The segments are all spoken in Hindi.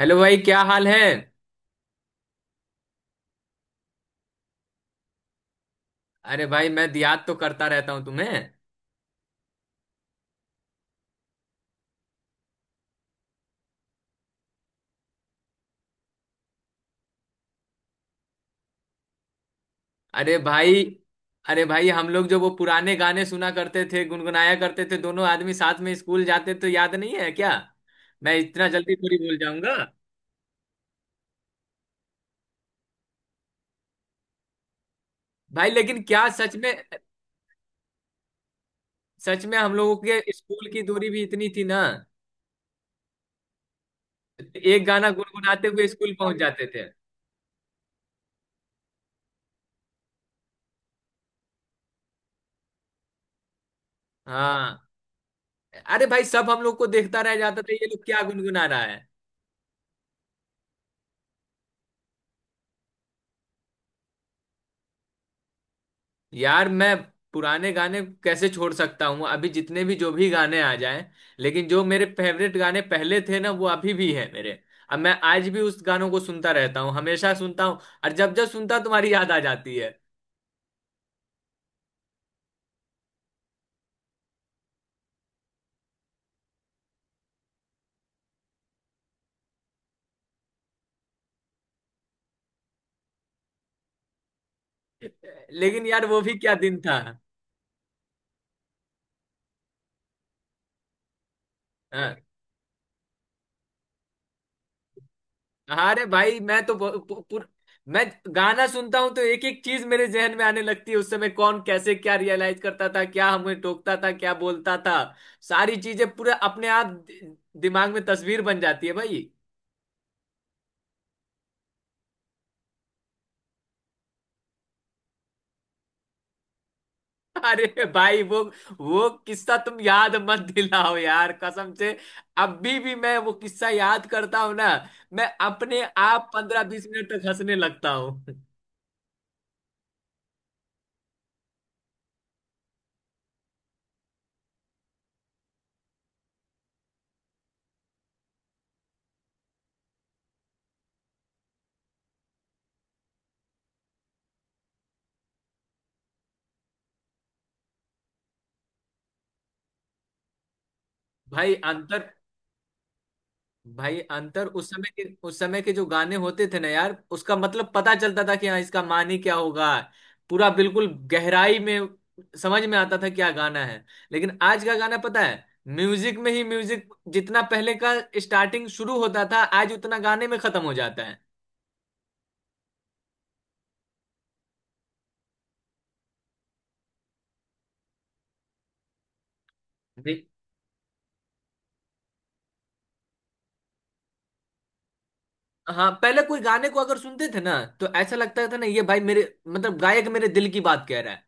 हेलो भाई, क्या हाल है? अरे भाई, मैं याद तो करता रहता हूँ तुम्हें। अरे भाई। अरे भाई, हम लोग जो वो पुराने गाने सुना करते थे, गुनगुनाया करते थे, दोनों आदमी साथ में स्कूल जाते, तो याद नहीं है क्या? मैं इतना जल्दी थोड़ी भूल जाऊंगा। भाई, लेकिन क्या सच में। सच में हम लोगों के स्कूल की दूरी भी इतनी थी ना। एक गाना गुनगुनाते हुए स्कूल पहुंच जाते थे। हाँ। अरे भाई, सब हम लोग को देखता रह जाता था, ये लोग क्या गुनगुना रहा है। यार मैं पुराने गाने कैसे छोड़ सकता हूँ, अभी जितने भी जो भी गाने आ जाएं। लेकिन जो मेरे फेवरेट गाने पहले थे ना, वो अभी भी हैं मेरे। अब मैं आज भी उस गानों को सुनता रहता हूँ, हमेशा सुनता हूँ। और जब जब सुनता हूं, तुम्हारी याद आ जाती है। लेकिन यार, वो भी क्या दिन था। हाँ। अरे भाई मैं तो मैं गाना सुनता हूँ तो एक एक चीज मेरे जहन में आने लगती है, उस समय कौन कैसे क्या रियलाइज करता था, क्या हमें टोकता था, क्या बोलता था। सारी चीजें पूरे अपने आप दिमाग में तस्वीर बन जाती है भाई। अरे भाई, वो किस्सा तुम याद मत दिलाओ यार, कसम से। अभी भी मैं वो किस्सा याद करता हूँ ना। मैं अपने आप 15-20 मिनट तक हंसने लगता हूँ। भाई अंतर। भाई अंतर, उस समय के जो गाने होते थे ना यार, उसका मतलब पता चलता था कि हाँ, इसका मानी क्या होगा। पूरा बिल्कुल गहराई में समझ में आता था क्या गाना है। लेकिन आज का गाना पता है, म्यूजिक में ही म्यूजिक जितना पहले का स्टार्टिंग शुरू होता था, आज उतना गाने में खत्म हो जाता है। जी। हाँ, पहले कोई गाने को अगर सुनते थे ना, तो ऐसा लगता था ना, ये भाई मेरे मतलब गायक मेरे दिल की बात कह रहा है।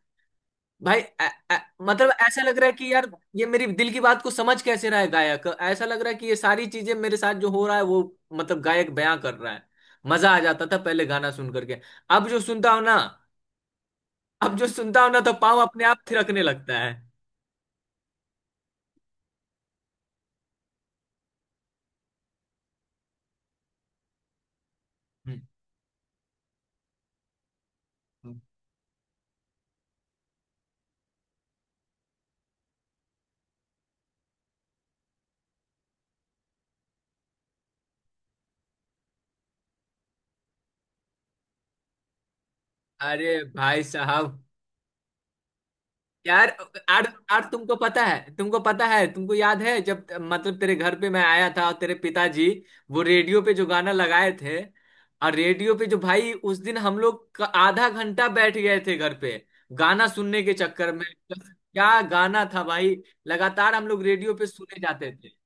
भाई मतलब ऐसा लग रहा है कि यार ये मेरी दिल की बात को समझ कैसे रहा है गायक, ऐसा लग रहा है कि ये सारी चीजें मेरे साथ जो हो रहा है वो मतलब गायक बयां कर रहा है। मजा आ जाता था पहले गाना सुन करके। अब जो सुनता हूं ना अब जो सुनता हूं ना तो पाँव अपने आप थिरकने लगता है। हम्म। हम्म। अरे भाई साहब। यार, आज आज तुमको पता है, तुमको पता है, तुमको याद है जब मतलब तेरे घर पे मैं आया था और तेरे पिताजी वो रेडियो पे जो गाना लगाए थे, और रेडियो पे जो भाई उस दिन हम लोग का आधा घंटा बैठ गए थे घर पे गाना सुनने के चक्कर में। क्या गाना था भाई? लगातार हम लोग रेडियो पे सुने जाते थे।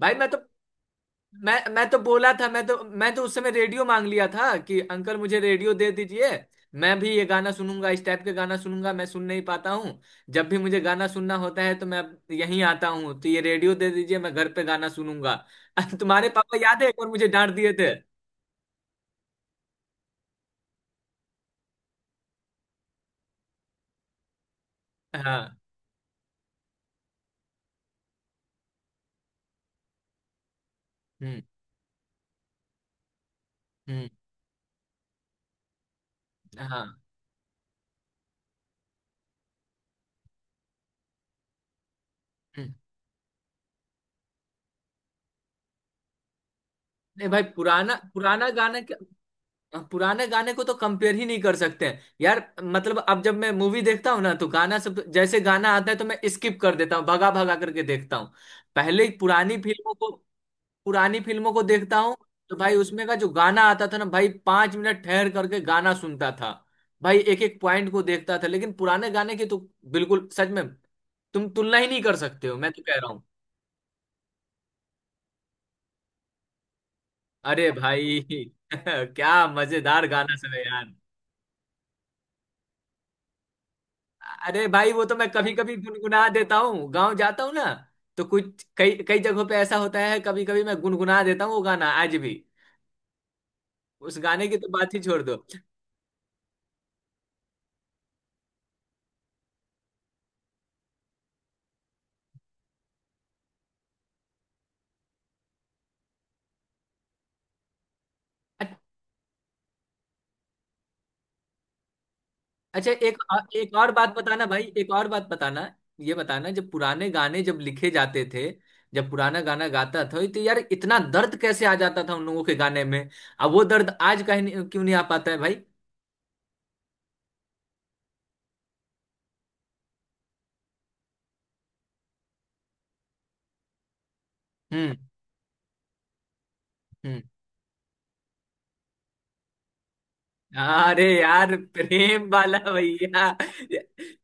भाई मैं तो बोला था, मैं तो उस समय रेडियो मांग लिया था कि अंकल मुझे रेडियो दे दीजिए, मैं भी ये गाना सुनूंगा, इस टाइप के गाना सुनूंगा, मैं सुन नहीं पाता हूँ, जब भी मुझे गाना सुनना होता है तो मैं यहीं आता हूँ, तो ये रेडियो दे दीजिए, मैं घर पे गाना सुनूंगा। तुम्हारे पापा याद है, एक बार मुझे डांट दिए थे। हाँ। हम्म। हम्म। हाँ। हम्म। नहीं भाई, पुराना पुराना गाना के पुराने गाने को तो कंपेयर ही नहीं कर सकते हैं यार, मतलब अब जब मैं मूवी देखता हूँ ना तो गाना सब तो, जैसे गाना आता है तो मैं स्किप कर देता हूँ, भगा भगा करके देखता हूँ। पहले पुरानी फिल्मों को देखता हूँ, तो भाई उसमें का जो गाना आता था ना भाई, 5 मिनट ठहर करके गाना सुनता था। भाई एक एक पॉइंट को देखता था, लेकिन पुराने गाने की तो बिल्कुल सच में तुम तुलना ही नहीं कर सकते हो, मैं तो कह रहा हूँ। अरे भाई, क्या मजेदार गाना सब है। अरे भाई, वो तो मैं कभी कभी गुनगुना देता हूँ गाँव जाता हूँ ना, तो कुछ कई कई जगहों पे ऐसा होता है, कभी कभी मैं गुनगुना देता हूँ वो गाना आज भी। उस गाने की तो बात ही छोड़ दो। अ- अच्छा, एक एक और बात बताना भाई, एक और बात बताना। ये बताना, जब पुराने गाने जब लिखे जाते थे, जब पुराना गाना गाता था तो यार इतना दर्द कैसे आ जाता था उन लोगों के गाने में। अब वो दर्द आज कहीं नहीं- क्यों नहीं आ पाता है भाई? हम्म। हम्म। अरे यार, प्रेम वाला भैया।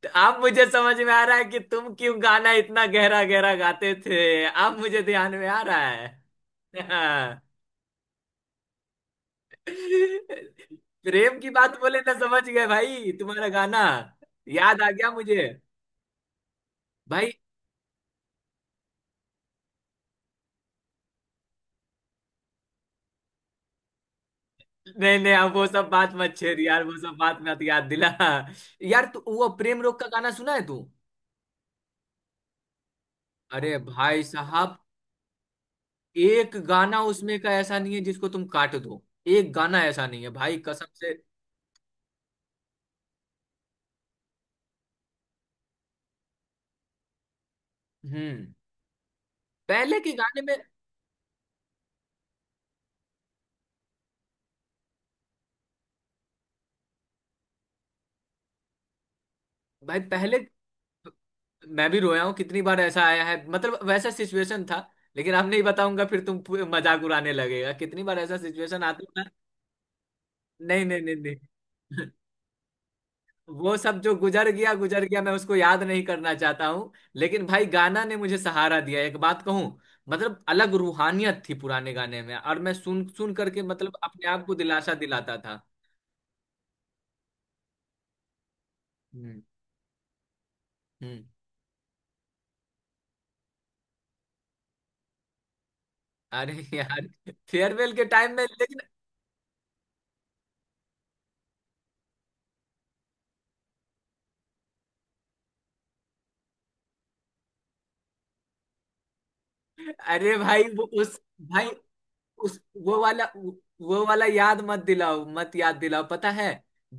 तो अब मुझे समझ में आ रहा है कि तुम क्यों गाना इतना गहरा गहरा गाते थे। अब मुझे ध्यान में आ रहा है। हाँ। प्रेम की बात बोले ना, समझ गए भाई तुम्हारा गाना, याद आ गया मुझे। भाई नहीं नहीं, अब वो सब बात मत छेड़ यार, वो सब बात मत याद दिला। यार तू वो प्रेम रोग का गाना सुना है तू? अरे भाई साहब, एक गाना उसमें का ऐसा नहीं है जिसको तुम काट दो। एक गाना ऐसा नहीं है भाई, कसम से। हम्म। पहले के गाने में। भाई पहले, मैं भी रोया हूँ। कितनी बार ऐसा आया है, मतलब वैसा सिचुएशन था। लेकिन अब नहीं बताऊंगा, फिर तुम मजाक उड़ाने लगेगा। कितनी बार ऐसा सिचुएशन आता है ना। नहीं नहीं नहीं नहीं। वो सब जो गुजर गया गुजर गया, मैं उसको याद नहीं करना चाहता हूँ, लेकिन भाई गाना ने मुझे सहारा दिया, एक बात कहूँ। मतलब अलग रूहानियत थी पुराने गाने में, और मैं सुन सुन करके मतलब अपने आप को दिलासा दिलाता था। हम्म। हम्म। अरे यार। फेयरवेल के टाइम में, लेकिन अरे भाई, वो उस, भाई उस, वो वाला, वो वाला याद मत दिलाओ, मत याद दिलाओ, पता है।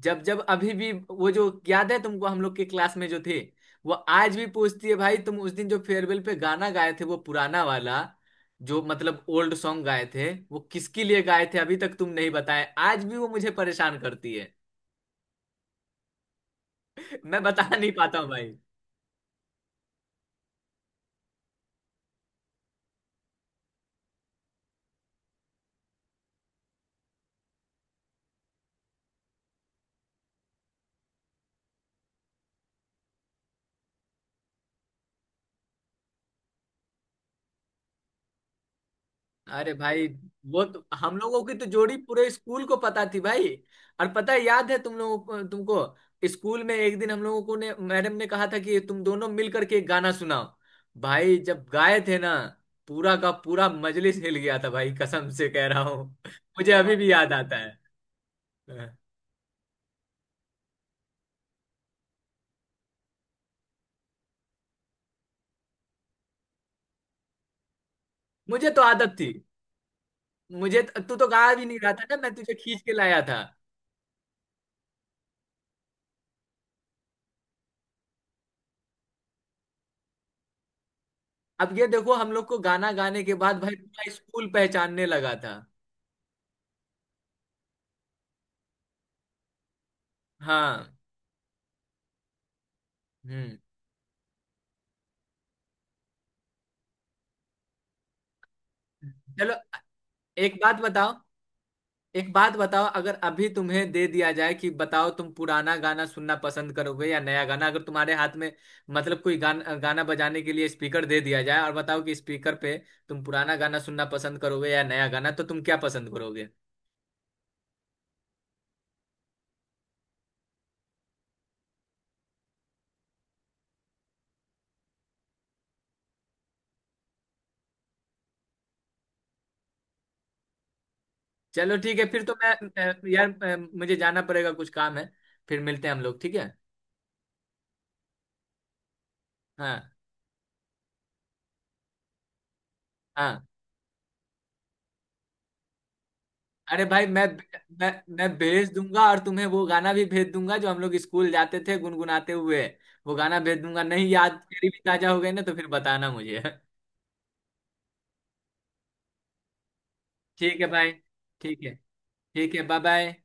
जब जब अभी भी वो जो याद है तुमको, हम लोग के क्लास में जो थे, वो आज भी पूछती है भाई, तुम उस दिन जो फेयरवेल पे गाना गाए थे, वो पुराना वाला, जो मतलब ओल्ड सॉन्ग गाए थे, वो किसके लिए गाए थे, अभी तक तुम नहीं बताए, आज भी वो मुझे परेशान करती है। मैं बता नहीं पाता हूँ भाई। अरे भाई, वो तो हम लोगों की तो जोड़ी पूरे स्कूल को पता थी भाई। और पता है, याद है तुम लोगों को, तुमको स्कूल में एक दिन हम लोगों को ने मैडम ने कहा था कि तुम दोनों मिलकर के एक गाना सुनाओ। भाई जब गाए थे ना, पूरा का पूरा मजलिस हिल गया था भाई, कसम से कह रहा हूँ। मुझे अभी भी याद आता है। मुझे तो आदत थी। मुझे तू तो गा भी नहीं रहा था ना, मैं तुझे खींच के लाया था। अब ये देखो, हम लोग को गाना गाने के बाद भाई पूरा स्कूल पहचानने लगा था। हाँ। हम्म। चलो एक बात बताओ एक बात बताओ, अगर अभी तुम्हें दे दिया जाए कि बताओ तुम पुराना गाना सुनना पसंद करोगे या नया गाना, अगर तुम्हारे हाथ में मतलब कोई गाना गाना बजाने के लिए स्पीकर दे दिया जाए और बताओ कि स्पीकर पे तुम पुराना गाना सुनना पसंद करोगे या नया गाना, तो तुम क्या पसंद करोगे? चलो ठीक है, फिर तो मैं यार मुझे जाना पड़ेगा, कुछ काम है। फिर मिलते हैं हम लोग, ठीक है। हाँ। हाँ। अरे भाई, मैं मैं भेज दूंगा और तुम्हें वो गाना भी भेज दूंगा जो हम लोग स्कूल जाते थे गुनगुनाते हुए, वो गाना भेज दूंगा। नहीं, याद तेरी भी ताजा हो गई ना, तो फिर बताना मुझे। ठीक है भाई। ठीक है। ठीक है, बाय बाय।